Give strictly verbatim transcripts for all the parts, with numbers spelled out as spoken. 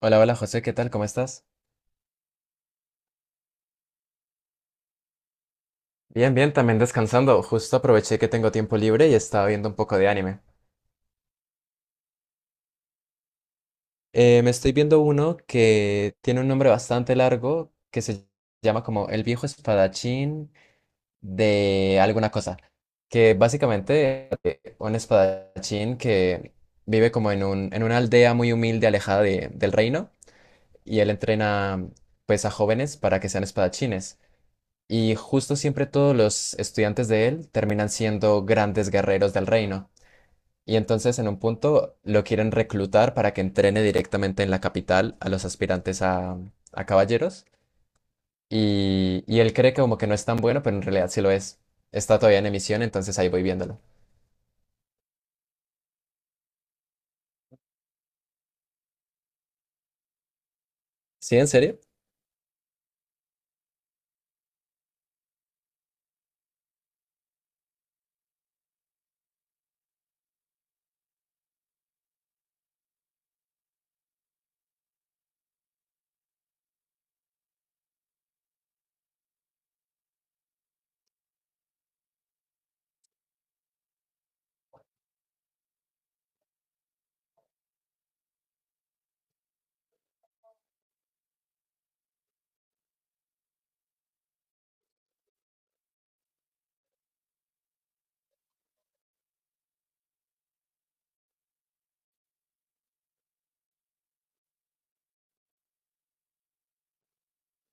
Hola, hola José, ¿qué tal? ¿Cómo estás? Bien, bien, también descansando. Justo aproveché que tengo tiempo libre y estaba viendo un poco de anime. Eh, me estoy viendo uno que tiene un nombre bastante largo que se llama como El viejo espadachín de alguna cosa, que básicamente eh, un espadachín que vive como en un, en una aldea muy humilde alejada de- del reino y él entrena pues a jóvenes para que sean espadachines. Y justo siempre todos los estudiantes de él terminan siendo grandes guerreros del reino. Y entonces en un punto lo quieren reclutar para que entrene directamente en la capital a los aspirantes a, a caballeros. Y, y él cree que como que no es tan bueno, pero en realidad sí lo es. Está todavía en emisión, entonces ahí voy viéndolo. ¿Sí, en serio?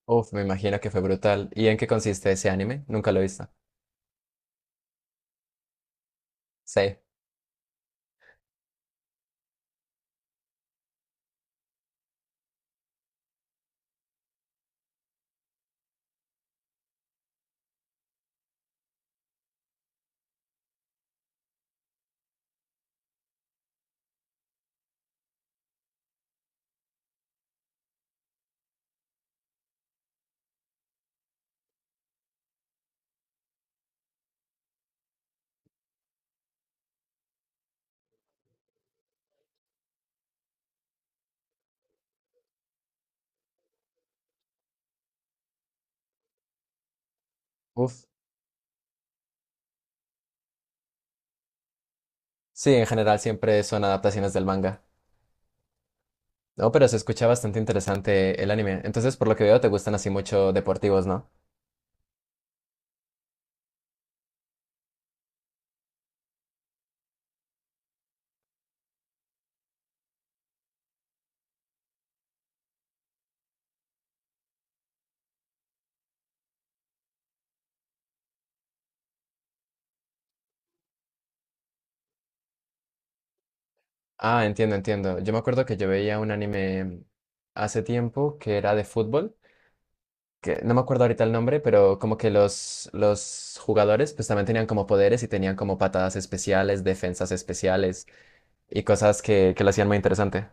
Uf, me imagino que fue brutal. ¿Y en qué consiste ese anime? Nunca lo he visto. Sí. Uf. Sí, en general siempre son adaptaciones del manga. No, pero se escucha bastante interesante el anime. Entonces, por lo que veo, te gustan así mucho deportivos, ¿no? Ah, entiendo, entiendo. Yo me acuerdo que yo veía un anime hace tiempo que era de fútbol, que no me acuerdo ahorita el nombre, pero como que los, los jugadores pues también tenían como poderes y tenían como patadas especiales, defensas especiales y cosas que, que lo hacían muy interesante.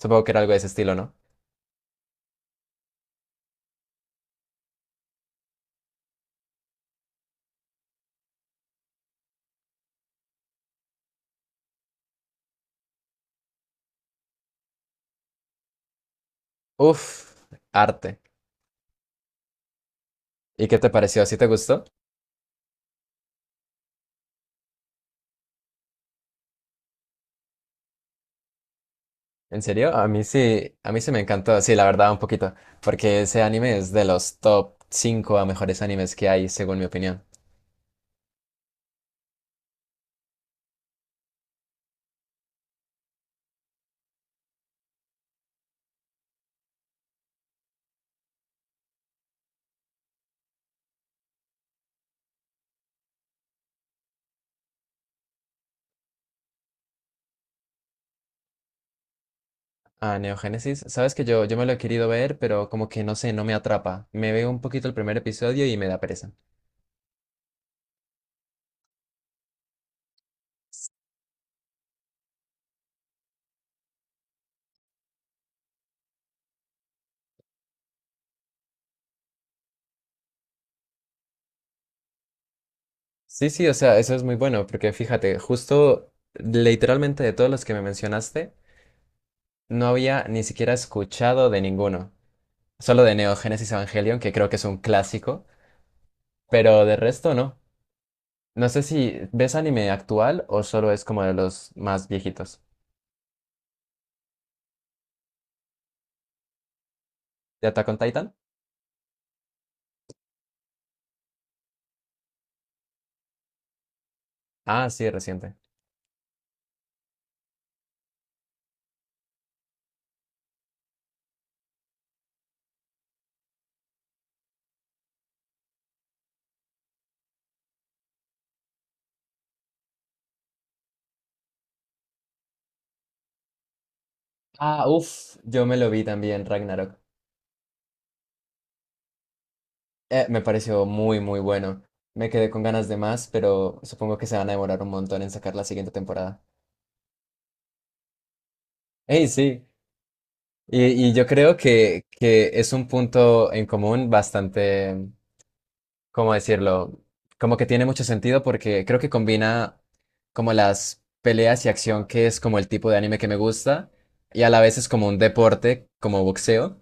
Supongo que era algo de ese estilo, ¿no? Uf, arte. ¿Y qué te pareció? ¿Sí te gustó? ¿En serio? A mí sí, a mí sí me encantó, sí, la verdad, un poquito, porque ese anime es de los top cinco a mejores animes que hay, según mi opinión. Ah, Neogénesis, sabes que yo, yo me lo he querido ver, pero como que no sé, no me atrapa. Me veo un poquito el primer episodio y me da pereza. Sí, sí, o sea, eso es muy bueno, porque fíjate, justo literalmente de todos los que me mencionaste, no había ni siquiera escuchado de ninguno. Solo de Neo Neogénesis Evangelion, que creo que es un clásico, pero de resto no. No sé si ves anime actual o solo es como de los más viejitos. ¿De Attack on Titan? Ah, sí, reciente. Ah, uff, yo me lo vi también, Ragnarok. Eh, me pareció muy, muy bueno. Me quedé con ganas de más, pero supongo que se van a demorar un montón en sacar la siguiente temporada. ¡Ey, sí! Y, y yo creo que, que es un punto en común bastante. ¿Cómo decirlo? Como que tiene mucho sentido porque creo que combina como las peleas y acción, que es como el tipo de anime que me gusta, y a la vez es como un deporte, como boxeo,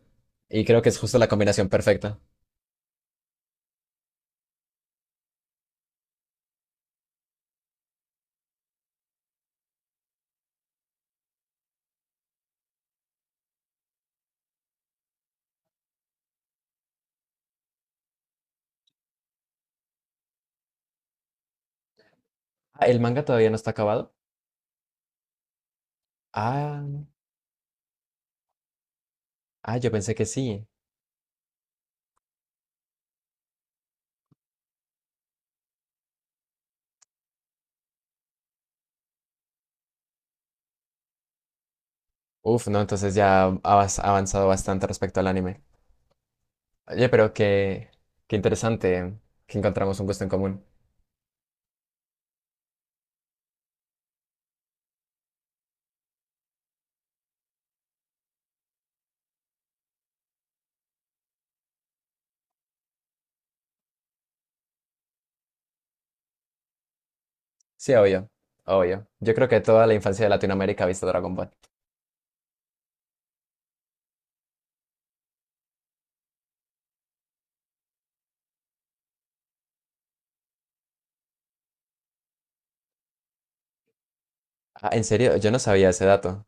y creo que es justo la combinación perfecta. Ah, ¿el manga todavía no está acabado? Ah, ah, yo pensé que sí. Uf, no, entonces ya has avanzado bastante respecto al anime. Oye, pero qué, qué interesante que encontramos un gusto en común. Sí, obvio, obvio. Yo creo que toda la infancia de Latinoamérica ha visto Dragon Ball. Ah, en serio, yo no sabía ese dato.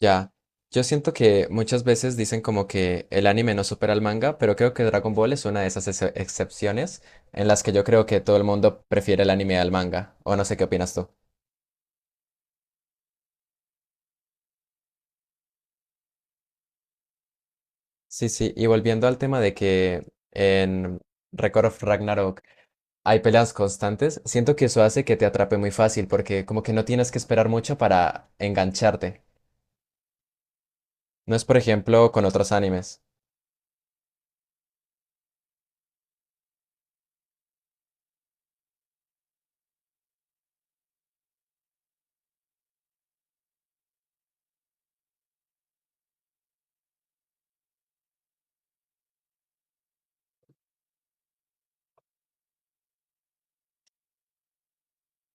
Ya. Yo siento que muchas veces dicen como que el anime no supera al manga, pero creo que Dragon Ball es una de esas ex- excepciones en las que yo creo que todo el mundo prefiere el anime al manga. O no sé qué opinas tú. Sí, sí, y volviendo al tema de que en Record of Ragnarok hay peleas constantes, siento que eso hace que te atrape muy fácil porque como que no tienes que esperar mucho para engancharte. No es, por ejemplo, con otros animes.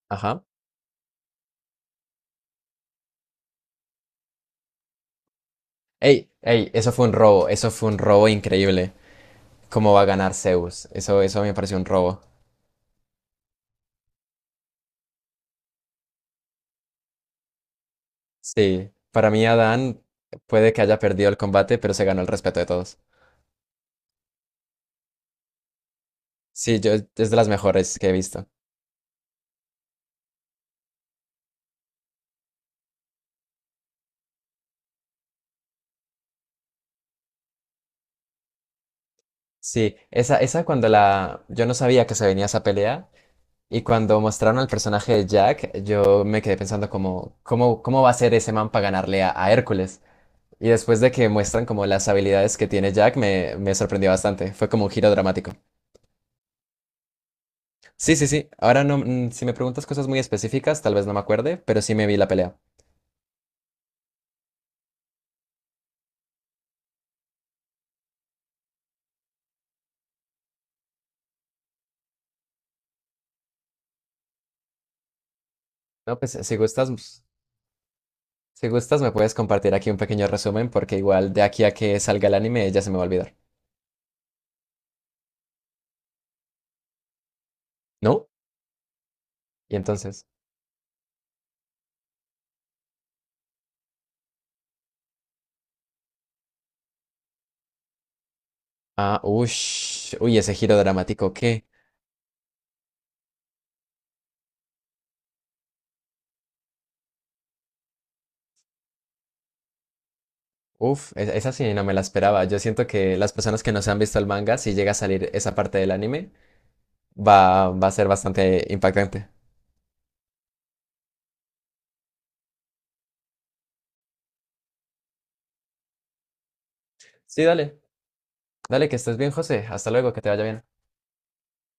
Ajá. Ey, ey, eso fue un robo, eso fue un robo increíble. ¿Cómo va a ganar Zeus? Eso, eso me pareció un robo. Sí, para mí Adán puede que haya perdido el combate, pero se ganó el respeto de todos. Sí, yo, es de las mejores que he visto. Sí, esa, esa cuando la... Yo no sabía que se venía esa pelea y cuando mostraron al personaje de Jack, yo me quedé pensando como, ¿cómo, cómo va a ser ese man para ganarle a, a Hércules? Y después de que muestran como las habilidades que tiene Jack, me, me sorprendió bastante. Fue como un giro dramático. Sí, sí, sí. Ahora no, mm, si me preguntas cosas muy específicas, tal vez no me acuerde, pero sí me vi la pelea. No, pues si gustas, pues, si gustas me puedes compartir aquí un pequeño resumen porque igual de aquí a que salga el anime ya se me va a olvidar. ¿No? Y entonces, ah, ush, uy, ese giro dramático, ¿qué? Uf, es- esa sí no me la esperaba. Yo siento que las personas que no se han visto el manga, si llega a salir esa parte del anime, va, va a ser bastante impactante. Sí, dale, dale, que estés bien, José. Hasta luego, que te vaya bien.